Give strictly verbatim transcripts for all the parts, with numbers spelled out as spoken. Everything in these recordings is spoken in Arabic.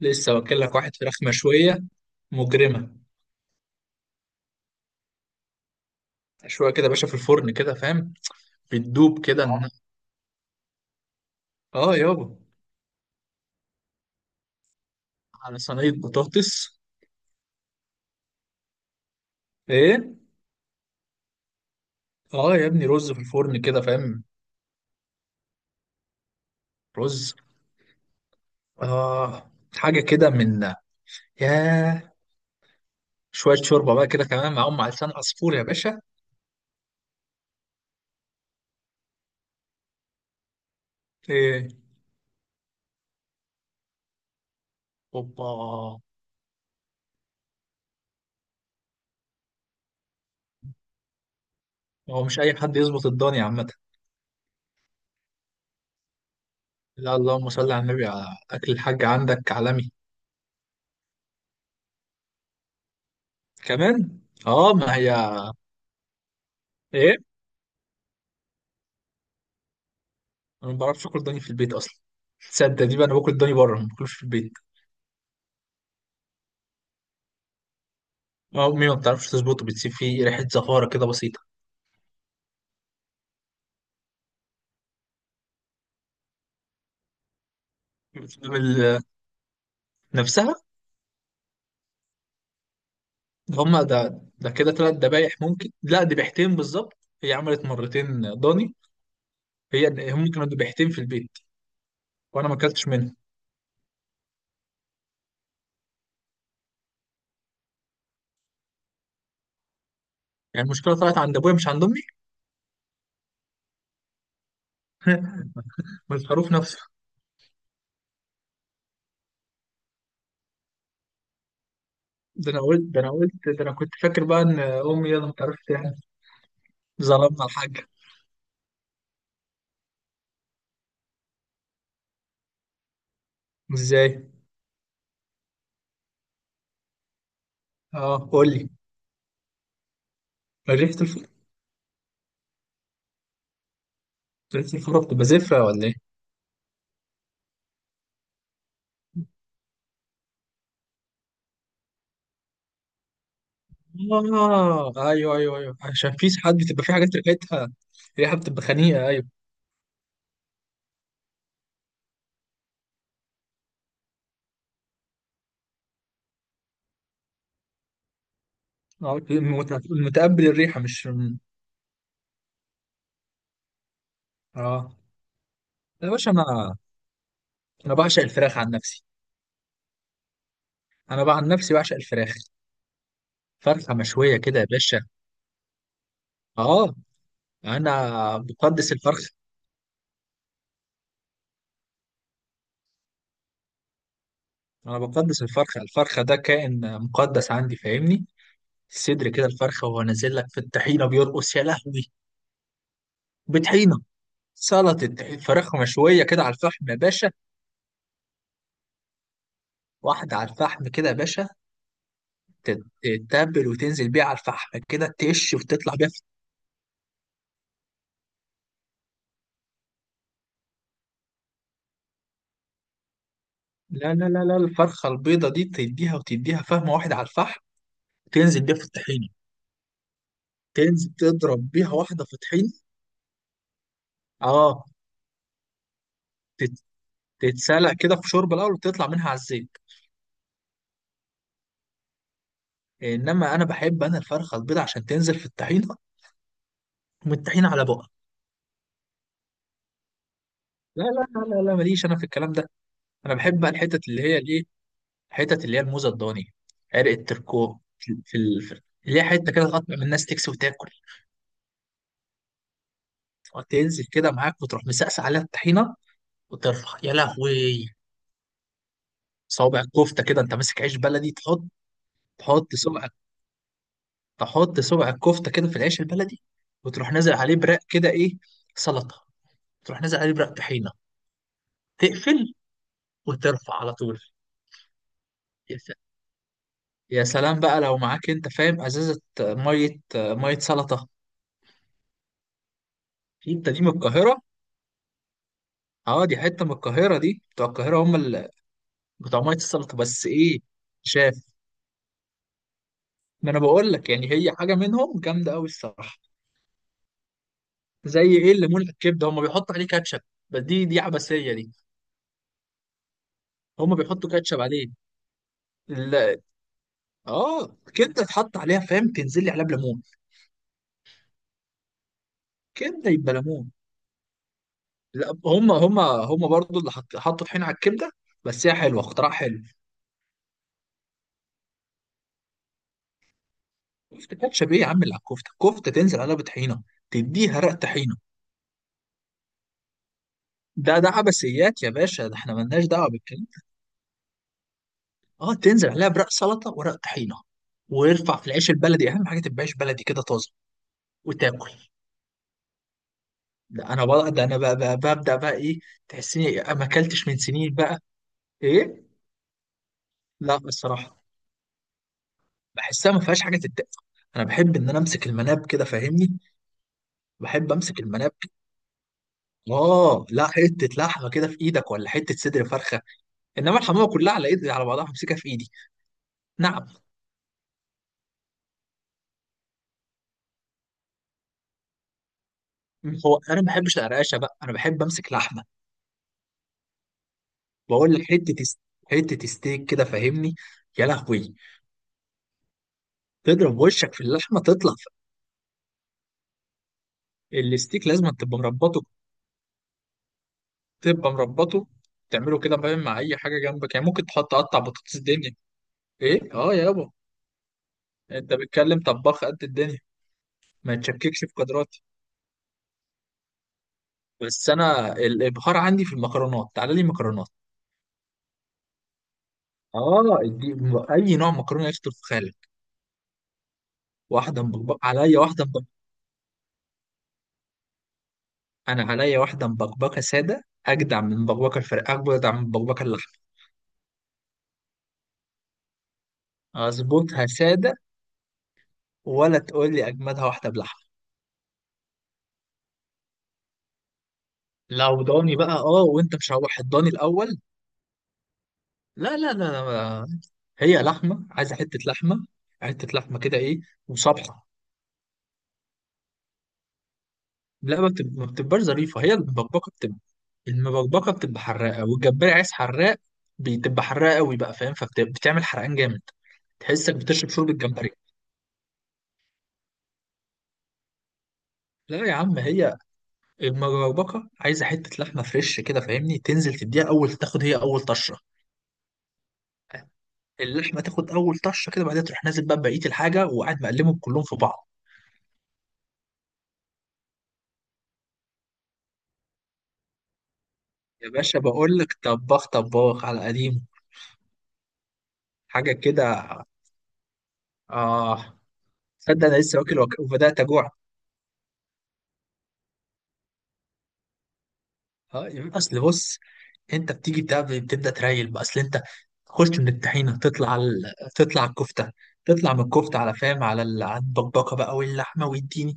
لسه واكل لك واحد فراخ مشويه مجرمه. مشويه كده يا باشا، في الفرن كده، فاهم؟ بتدوب كده آه. إن- اه يابا، على صينيه بطاطس. ايه، اه يا ابني، رز في الفرن كده، فاهم؟ رز. اه. حاجه كده من. ياه. شويه شوربه بقى كده كمان معاهم، معلقتين عصفور يا باشا. ايه. اوبا. هو مش اي حد يظبط الدنيا عامه. لا، اللهم صل على النبي، على اكل الحاج عندك عالمي. كمان. اه، ما هي. ايه. انا ما بعرفش اكل ضاني في البيت اصلا. تصدق دي بقى، انا باكل الضاني بره، ما باكلوش في البيت. امي ما بتعرفش تظبطه، بتسيب فيه ريحه زفاره كده بسيطه. بال- نفسها. هما ده ده كده ثلاث ذبايح ممكن، لا ذبيحتين بالظبط. هي عملت مرتين ضاني. هي هم كانوا ذبيحتين في البيت، وانا ما اكلتش منهم. يعني المشكله طلعت عند ابويا مش عند امي. من الخروف نفسه. ده انا قلت ده انا قلت، ده انا كنت فاكر بقى ان امي يلا ما تعرفش يعني. ظلمنا الحاج. ازاي؟ اه قول لي. ريحه الفرن ريحه الفرن بتبقى زفره ولا ايه؟ اه، ايوه ايوه ايوه، عشان في ساعات بتبقى في حاجات ريحتها ريحة بتبقى خنيقة، ايوه. اه، المت- المتقبل الريحة مش. اه. يا باشا انا انا بعشق الفراخ عن نفسي. انا بقى عن نفسي بعشق الفراخ. فرخة مشوية كده يا باشا. اه. انا بقدس الفرخة. انا بقدس الفرخة. الفرخة ده كائن مقدس عندي، فاهمني؟ الصدر كده الفرخة، وهو نازل لك في الطحينة بيرقص، يا لهوي. بطحينة، سلطة. فراخ مشوية كده على الفحم يا باشا. واحدة على الفحم كده يا باشا. تت- تتبل وتنزل بيها على الفحم كده، تقش وتطلع بيها في- لا لا لا لا، الفرخة البيضة دي تديها وتديها فهمة واحدة على الفحم. تنزل بيها في الطحينة. تنزل تضرب بيها واحدة في طحينة. اه. تت- تتسلق كده في شوربة الأول، وتطلع منها على الزيت. إنما أنا بحب، أنا الفرخة البيضة عشان تنزل في الطحينة، ومن الطحينة على بقى. لا لا لا لا لا، ماليش أنا في الكلام ده. أنا بحب بقى الحتت اللي هي الإيه، الحتت اللي هي الموزة الضاني، عرق التركو في ال- في ال- اللي هي حتة كده تقطع من الناس تكسي وتاكل. تنزل كده معاك، وتروح مسقس عليها الطحينه، وترفع، يا لهوي. صوابع الكفته كده انت ماسك عيش بلدي تحط. تحط صبع تحط صبع الكفته كده في العيش البلدي، وتروح نازل عليه برق كده ايه، سلطه، تروح نازل عليه برق طحينه، تقفل وترفع على طول. يا س- يا سلام بقى لو معاك انت، فاهم، ازازه ميه ميه سلطه. انت دي من القاهره. اه، دي حته من القاهره، دي بتوع القاهره هم اللي بتوع ميه السلطه، بس ايه، شاف، ما انا بقول لك يعني هي حاجه منهم جامده قوي الصراحه. زي ايه، الليمون، الكبده هم بيحطوا عليه كاتشب، بس دي دي عبثيه دي، هم بيحطوا كاتشب عليه. لا. اه. كبده اتحط عليها، فاهم، تنزل لي عليها بليمون. كبده يبقى ليمون. لا، هم هم هم برضو اللي حط حطوا طحينه على الكبده، بس هي حلوه، اختراع حلو. كفته كاتشب ايه يا عم، اللي على الكفته كفته تنزل عليها بطحينه، تديها رق طحينه. ده ده عبثيات يا باشا، ده احنا ملناش دعوه بالكلام. اه، تنزل عليها برق سلطه ورق طحينه، وارفع في العيش البلدي. اهم حاجه تبقى عيش بلدي كده طازه، وتاكل. ده انا بقى ده انا بقى بقى ببدا بقى ايه، تحسني ما اكلتش من سنين بقى. ايه؟ لا الصراحه، بحسها ما فيهاش حاجه تتاكل. انا بحب ان انا امسك المناب كده، فاهمني؟ بحب امسك المناب كده. اه، لا، حته لحمه كده في ايدك ولا حته صدر فرخه. انما الحمامه كلها على ايدي على بعضها همسكها في ايدي. نعم؟ هو انا ما بحبش القرقشه بقى، انا بحب امسك لحمه. بقول لك حته س- حته ستيك كده، فاهمني؟ يا لهوي. تضرب وشك في اللحمه تطلع ف- الستيك لازم تبقى مربطه. تبقى مربطه. تعمله كده فاهم، مع اي حاجه جنبك، يعني ممكن تحط قطع بطاطس الدنيا. ايه، اه يابا. انت بتتكلم طباخ قد الدنيا. ما تشككش في قدراتي، بس انا الابهار عندي في المكرونات، تعالى لي مكرونات. اه. دي م- اي نوع مكرونه يخطر في خيالك. واحده مبكبكه عليا، واحده مبكبكه. انا عليا واحده مبكبكه ساده، اجدع من بكبكه الفراخ، اجدع من بكبكه اللحمه. اظبطها ساده، ولا تقول لي اجمدها واحده بلحمه. لو ضاني بقى، اه، وانت مشوح الضاني الاول. لا لا لا لا، هي لحمه عايزه حته لحمه، حته لحمه كده ايه، وصبحه. لا، ما بتب- ما بتبقاش ظريفه هي المبكبكه، بتبقى. المبكبكه بتبقى حراقه، والجمبري عايز حراق، بتبقى حراقه قوي بقى، فاهم؟ فبتعمل حرقان جامد، تحسك بتشرب شوربه جمبري. لا يا عم، هي المبكبكه عايزه حته لحمه فريش كده، فاهمني؟ تنزل تديها اول، تاخد هي اول طشه، اللحمه تاخد اول طشه كده، بعدين تروح نازل بقى بقيه الحاجه، وقاعد مقلبهم كلهم في بعض. يا باشا بقول لك، طباخ طباخ على قديم، حاجه كده. اه. تصدق انا لسه واكل وك- وبدات اجوع. اه يبقى اصل بص، انت بتيجي بتعمل- بتبدا تريل بقى، اصل انت تخش من الطحينه تطلع على ال... تطلع على الكفته، تطلع من الكفته على، فاهم، على ال... على البقبقه بقى واللحمه والديني.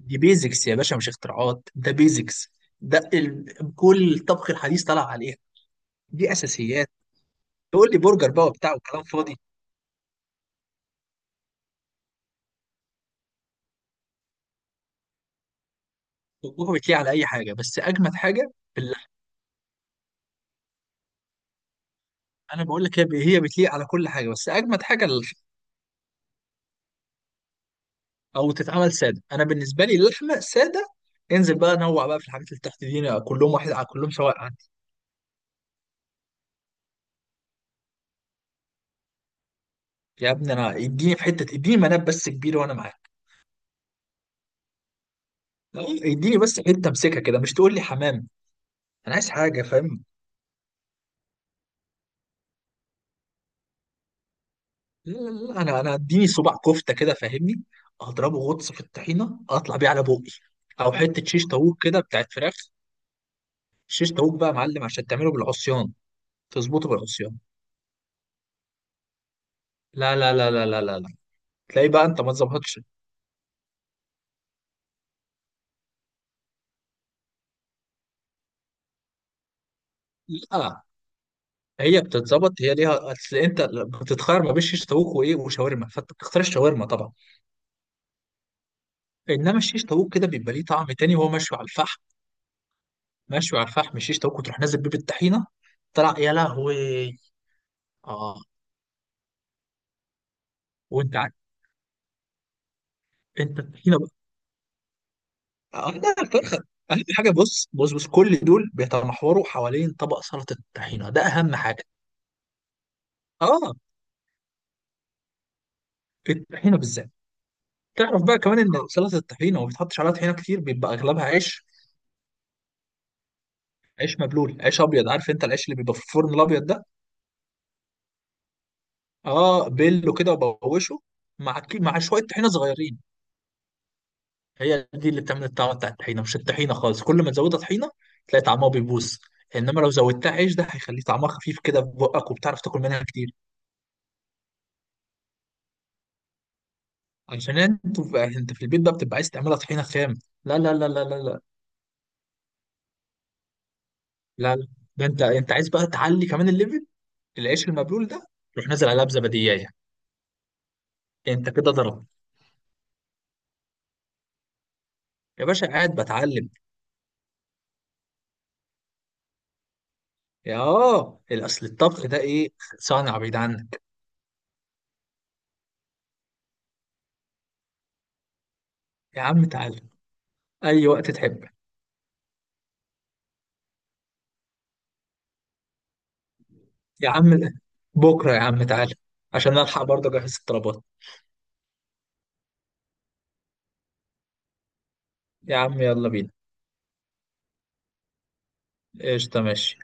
دي بيزكس يا باشا، مش اختراعات، ده بيزكس، ده ال... كل الطبخ الحديث طلع عليها. دي اساسيات. تقول لي برجر بقى وبتاع وكلام فاضي. طبخه بتليق على اي حاجه، بس اجمد حاجه في اللحمه. انا بقول لك، هي هي بتليق على كل حاجه، بس اجمد حاجه اللحمه، او تتعمل ساده. انا بالنسبه لي اللحمه ساده، انزل بقى نوع بقى في الحاجات اللي تحت دي، كلهم واحد، على كلهم سواء عندي. يا ابني انا اديني في حته، اديني مناب بس كبير وانا معاك. لا، اديني بس حته امسكها كده، مش تقول لي حمام. انا عايز حاجه، فاهم؟ لا لا لا، انا انا اديني صباع كفته كده، فاهمني؟ اضربه غطس في الطحينه، اطلع بيه على بوقي. او حته شيش طاووق كده بتاعت فراخ. شيش طاووق بقى يا معلم، عشان تعمله بالعصيان، تظبطه بالعصيان. لا لا لا لا لا لا لا. تلاقي بقى انت ما تظبطش. لا، هي بتتظبط، هي ليها اصل، انت بتتخير ما بين شيش طاووق وايه وشاورما، فانت بتختار الشاورما طبعا. انما الشيش طاووق كده بيبقى ليه طعم تاني، وهو مشوي على الفحم. مشوي على الفحم الشيش طاووق، وتروح نازل بيه بالطحينه، طلع يا لهوي. اه، وانت عارف، انت الطحينه بقى. آه لا، الفرخه اهم حاجه، بص بص بص، كل دول بيتمحوروا حوالين طبق سلطه الطحينه، ده اهم حاجه. اه، الطحينه بالذات. تعرف بقى كمان ان سلطه الطحينه وما بتحطش عليها طحينه كتير، بيبقى اغلبها عيش. عيش مبلول، عيش ابيض، عارف انت العيش اللي بيبقى في الفرن الابيض ده. اه، بله كده وبوشه، مع كي- مع شويه طحينه صغيرين. هي دي اللي بتعمل الطعم بتاع الطحينه، مش الطحينه خالص. كل ما تزودها طحينه، تلاقي طعمها بيبوظ. انما لو زودتها عيش، ده هيخليه طعمها خفيف كده في بقك، وبتعرف تاكل منها كتير. عشان انت انت في البيت بقى بتبقى عايز تعملها طحينه خام. لا لا لا لا لا لا لا لا. ده انت انت عايز بقى تعلي كمان الليفل. العيش المبلول ده، روح نازل عليها بزبدية، انت كده ضرب. يا باشا قاعد بتعلم. يا اه اصل الطبخ ده ايه، صنعة بعيد عنك. يا عم تعالى اي وقت تحب. يا عم بكره يا عم تعالى، عشان الحق برضه اجهز الطلبات. يا عم يلا بينا. قشطه ماشي.